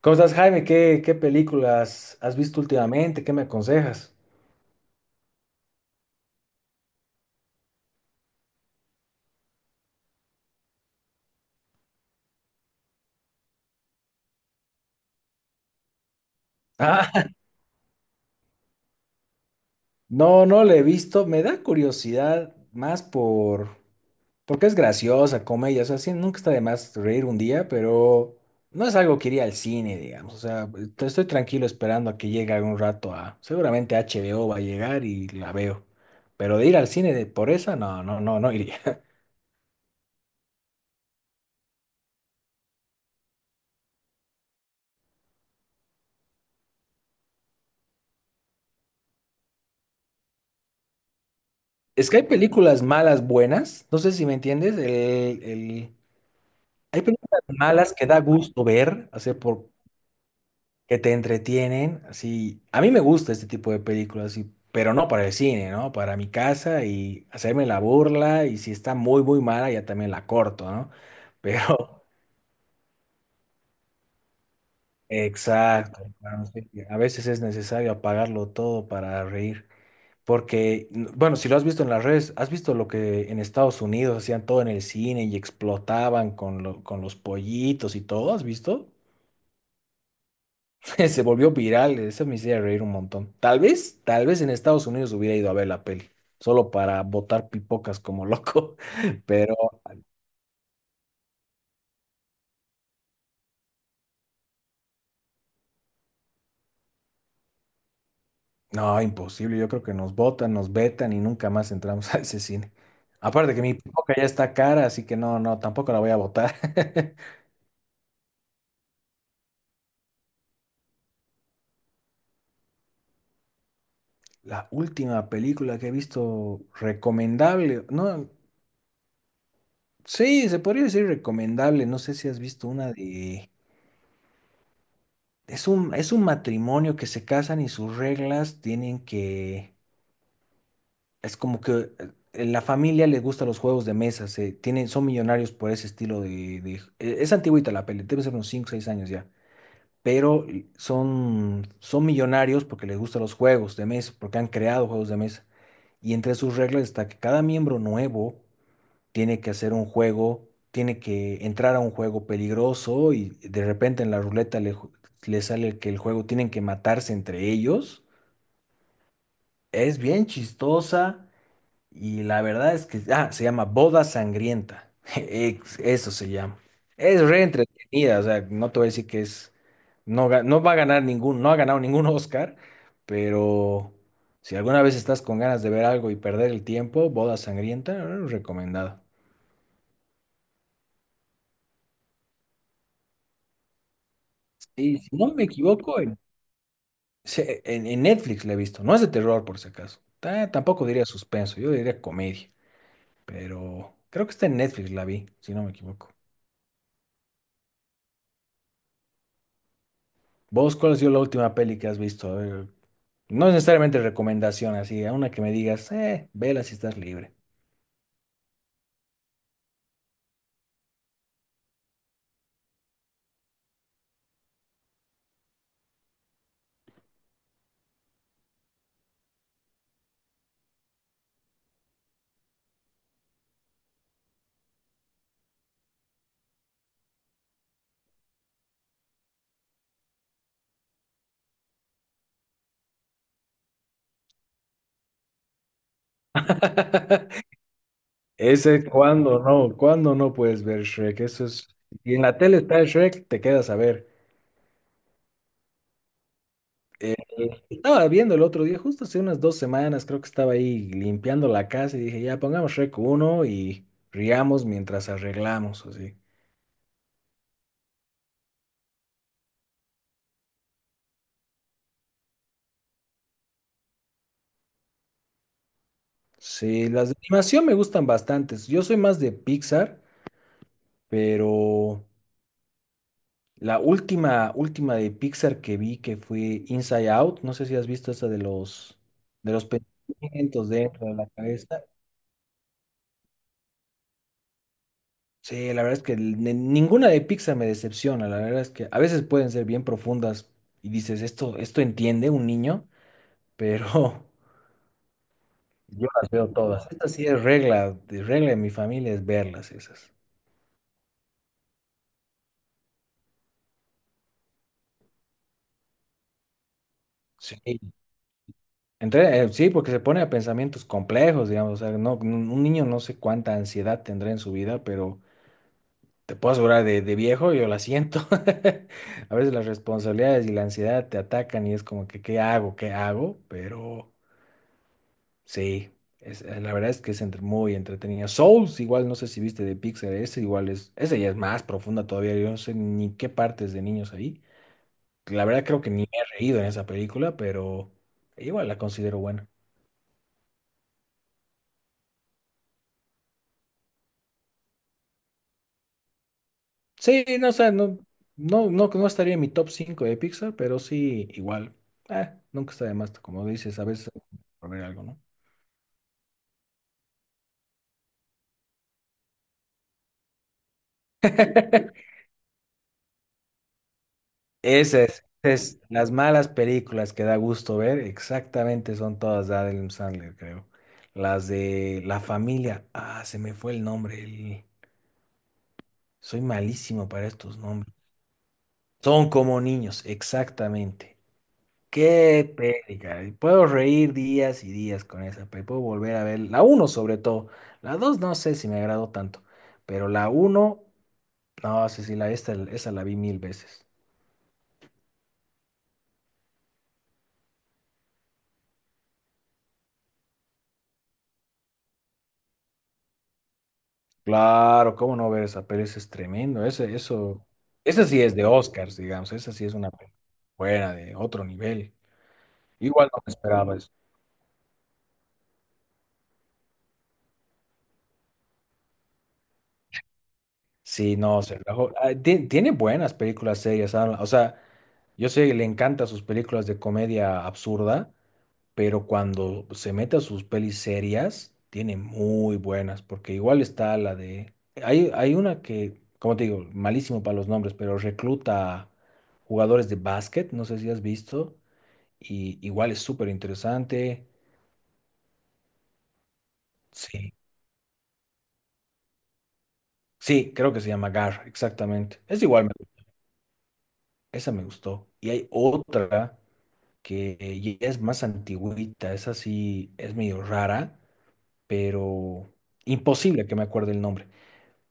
¿Cómo estás, Jaime? ¿Qué películas has visto últimamente? ¿Qué me aconsejas? Ah, no, no le he visto. Me da curiosidad más porque es graciosa, comedia. O sea, sí, nunca está de más reír un día, pero no es algo que iría al cine, digamos. O sea, estoy tranquilo esperando a que llegue algún rato a... Seguramente HBO va a llegar y la veo. Pero de ir al cine de por esa, no, no, no, no iría. Es que hay películas malas, buenas. No sé si me entiendes. El Hay películas malas que da gusto ver, así por que te entretienen, así. A mí me gusta este tipo de películas, así, pero no para el cine, ¿no? Para mi casa y hacerme la burla y si está muy muy mala ya también la corto, ¿no? Pero exacto, hermano, sí, a veces es necesario apagarlo todo para reír, porque bueno, si lo has visto en las redes, has visto lo que en Estados Unidos hacían todo en el cine y explotaban con con los pollitos y todo, ¿has visto? Se volvió viral, eso me hacía reír un montón. Tal vez en Estados Unidos hubiera ido a ver la peli, solo para botar pipocas como loco, pero no, imposible, yo creo que nos botan, nos vetan y nunca más entramos a ese cine. Aparte que mi pipoca ya está cara, así que no, no, tampoco la voy a botar. La última película que he visto recomendable, no, sí, se podría decir recomendable, no sé si has visto una de... Es un matrimonio que se casan y sus reglas tienen que... Es como que la familia les gusta los juegos de mesa, son millonarios por ese estilo Es antigüita la peli, debe ser unos cinco o 6 años ya. Pero son millonarios porque les gustan los juegos de mesa, porque han creado juegos de mesa. Y entre sus reglas está que cada miembro nuevo tiene que hacer un juego, tiene que entrar a un juego peligroso y de repente en la ruleta le sale que el juego tienen que matarse entre ellos. Es bien chistosa. Y la verdad es que, ah, se llama Boda Sangrienta. Eso se llama. Es re entretenida, o sea, no te voy a decir que es, no, no va a ganar ningún, no ha ganado ningún Oscar, pero si alguna vez estás con ganas de ver algo y perder el tiempo, Boda Sangrienta, recomendada. Y si no me equivoco, en, en Netflix la he visto. No es de terror, por si acaso. Tampoco diría suspenso, yo diría comedia, pero creo que está en Netflix la vi, si no me equivoco. ¿Vos cuál ha sido la última peli que has visto? A ver, no es necesariamente recomendación, así, a una que me digas, vela si estás libre. Ese, ¿cuando no? ¿Cuando no puedes ver Shrek? Eso es. Y en la tele está Shrek, te quedas a ver. Estaba viendo el otro día, justo hace unas 2 semanas, creo que estaba ahí limpiando la casa y dije, ya pongamos Shrek uno y riamos mientras arreglamos, así. Sí, las de animación me gustan bastantes. Yo soy más de Pixar, pero. La última, última de Pixar que vi que fue Inside Out, no sé si has visto esa de los pensamientos dentro de la cabeza. Sí, la verdad es que ninguna de Pixar me decepciona, la verdad es que a veces pueden ser bien profundas y dices, esto entiende un niño, pero yo las veo todas. Esta sí es regla de mi familia es verlas esas. Sí. Sí, porque se pone a pensamientos complejos, digamos, o sea, no, un niño no sé cuánta ansiedad tendrá en su vida, pero... Te puedo asegurar, de viejo yo la siento. A veces las responsabilidades y la ansiedad te atacan y es como que, ¿qué hago? ¿Qué hago? Pero sí, la verdad es que es muy entretenida. Souls, igual no sé si viste de Pixar, ese igual es, esa ya es más profunda todavía, yo no sé ni qué partes de niños ahí. La verdad creo que ni me he reído en esa película, pero igual la considero buena. Sí, no, o sea, no, no, no, no estaría en mi top 5 de Pixar, pero sí, igual. Ah, nunca está de más, como dices, a veces hay que poner algo, ¿no? Esas, esas, las malas películas que da gusto ver, exactamente son todas de Adam Sandler, creo. Las de La Familia, ah, se me fue el nombre, soy malísimo para estos nombres. Son como niños, exactamente. Qué peli, caray. Puedo reír días y días con esa peli. Puedo volver a ver la uno sobre todo. La 2 no sé si me agradó tanto, pero la uno, no sé si la, esta, esa la vi mil veces. Claro, cómo no ver esa peli, eso es tremendo. Ese, eso, esa sí es de Oscars, digamos. Esa sí es una peli buena, de otro nivel. Igual no me esperaba eso. Sí, no, se rajó. Ah, tiene buenas películas serias, Adam. O sea, yo sé que le encantan sus películas de comedia absurda, pero cuando se mete a sus pelis serias, tiene muy buenas, porque igual está la de... Hay una que, como te digo, malísimo para los nombres, pero recluta jugadores de básquet, no sé si has visto, y igual es súper interesante. Sí, sí, creo que se llama GAR, exactamente. Es igual, esa me gustó. Y hay otra que ya es más antigüita, esa sí es medio rara, pero imposible que me acuerde el nombre.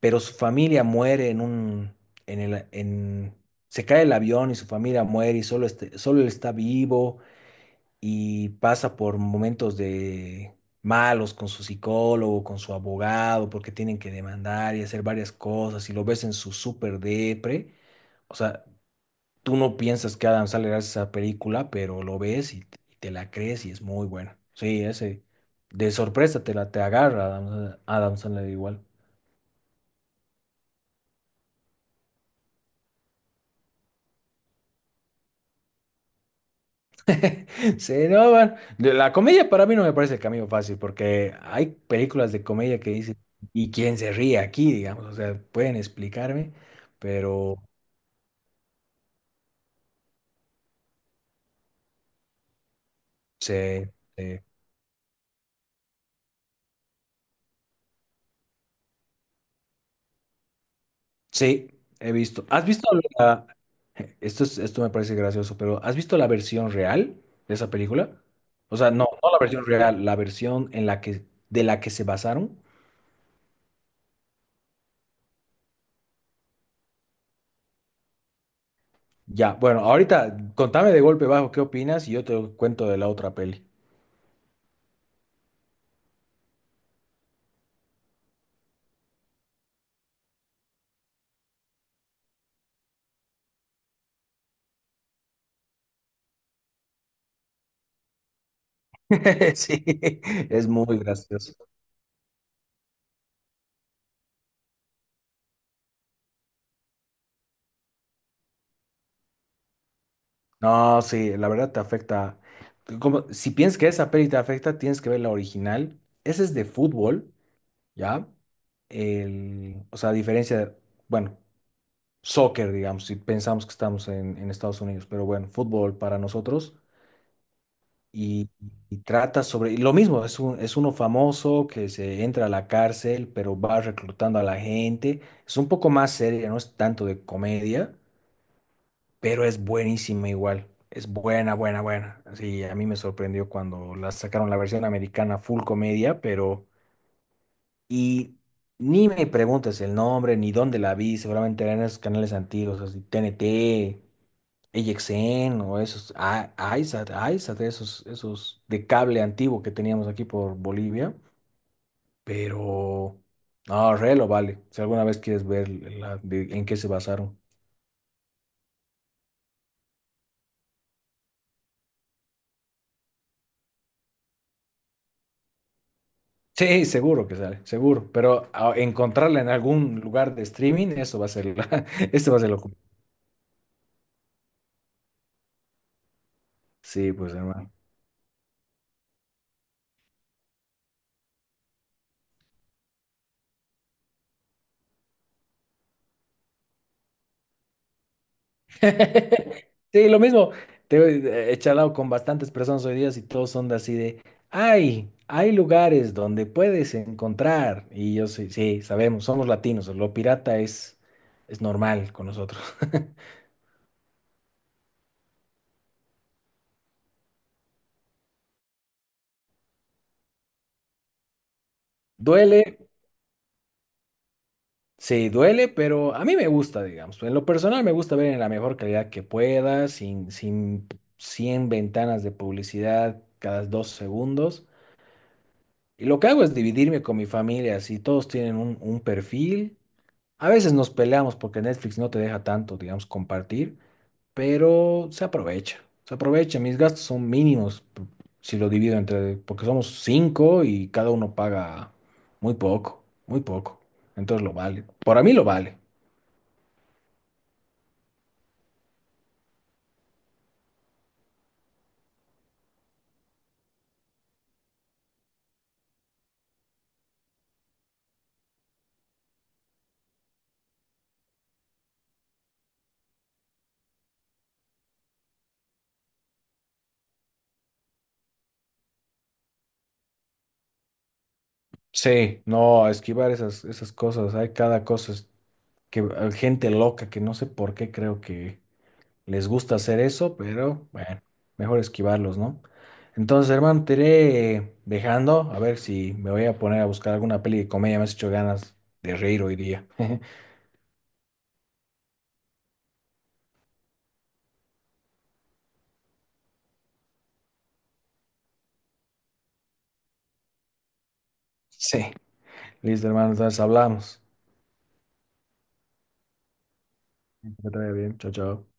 Pero su familia muere en un, en el, en, se cae el avión y su familia muere y solo, solo él está vivo y pasa por momentos de malos con su psicólogo, con su abogado, porque tienen que demandar y hacer varias cosas y lo ves en su súper depre. O sea, tú no piensas que Adam Sandler hace esa película, pero lo ves y, te la crees y es muy buena. Sí, ese de sorpresa te la te agarra Adam Sandler igual. Sí, no, bueno, de la comedia para mí no me parece el camino fácil porque hay películas de comedia que dicen, ¿y quién se ríe aquí? Digamos, o sea, pueden explicarme, pero sí, sí, sí, he visto. ¿Has visto la... Esto esto me parece gracioso, pero ¿has visto la versión real de esa película? O sea, no, no la versión real, la versión en la que, de la que se basaron. Ya, bueno, ahorita contame de golpe bajo qué opinas y yo te cuento de la otra peli. Sí, es muy gracioso. No, sí, la verdad te afecta. Como, si piensas que esa peli te afecta, tienes que ver la original. Ese es de fútbol, ¿ya? El, o sea, a diferencia de, bueno, soccer, digamos, si pensamos que estamos en Estados Unidos, pero bueno, fútbol para nosotros. Y, y trata sobre, y lo mismo, es un, es uno famoso que se entra a la cárcel, pero va reclutando a la gente. Es un poco más seria, no es tanto de comedia, pero es buenísima igual. Es buena, buena, buena. Sí, a mí me sorprendió cuando la sacaron la versión americana full comedia, pero... Y ni me preguntes el nombre, ni dónde la vi, seguramente era en esos canales antiguos, así TNT, NT, AXN o esos, Isat, Isat, esos de cable antiguo que teníamos aquí por Bolivia, pero... No, re lo vale. Si alguna vez quieres ver en qué se basaron. Sí, seguro que sale, seguro. Pero encontrarla en algún lugar de streaming, eso va a ser, eso va a ser lo complicado. Sí, pues hermano. Sí, lo mismo. Te he charlado con bastantes personas hoy día y todos son de así de, ay, hay lugares donde puedes encontrar. Y yo sí, sí, sabemos, somos latinos, lo pirata es normal con nosotros. Duele, sí, duele, pero a mí me gusta, digamos. En lo personal me gusta ver en la mejor calidad que pueda, sin 100 ventanas de publicidad cada 2 segundos. Y lo que hago es dividirme con mi familia, así todos tienen un perfil. A veces nos peleamos porque Netflix no te deja tanto, digamos, compartir, pero se aprovecha. Se aprovecha, mis gastos son mínimos si lo divido entre, porque somos cinco y cada uno paga muy poco, muy poco. Entonces lo vale. Por a mí lo vale. Sí, no, esquivar esas cosas. Hay cada cosa es que gente loca que no sé por qué creo que les gusta hacer eso, pero bueno, mejor esquivarlos, ¿no? Entonces, hermano, te iré dejando a ver si me voy a poner a buscar alguna peli de comedia. Me has hecho ganas de reír hoy día. Sí, listo, hermano, entonces hablamos. Que te vaya bien, chao, chao.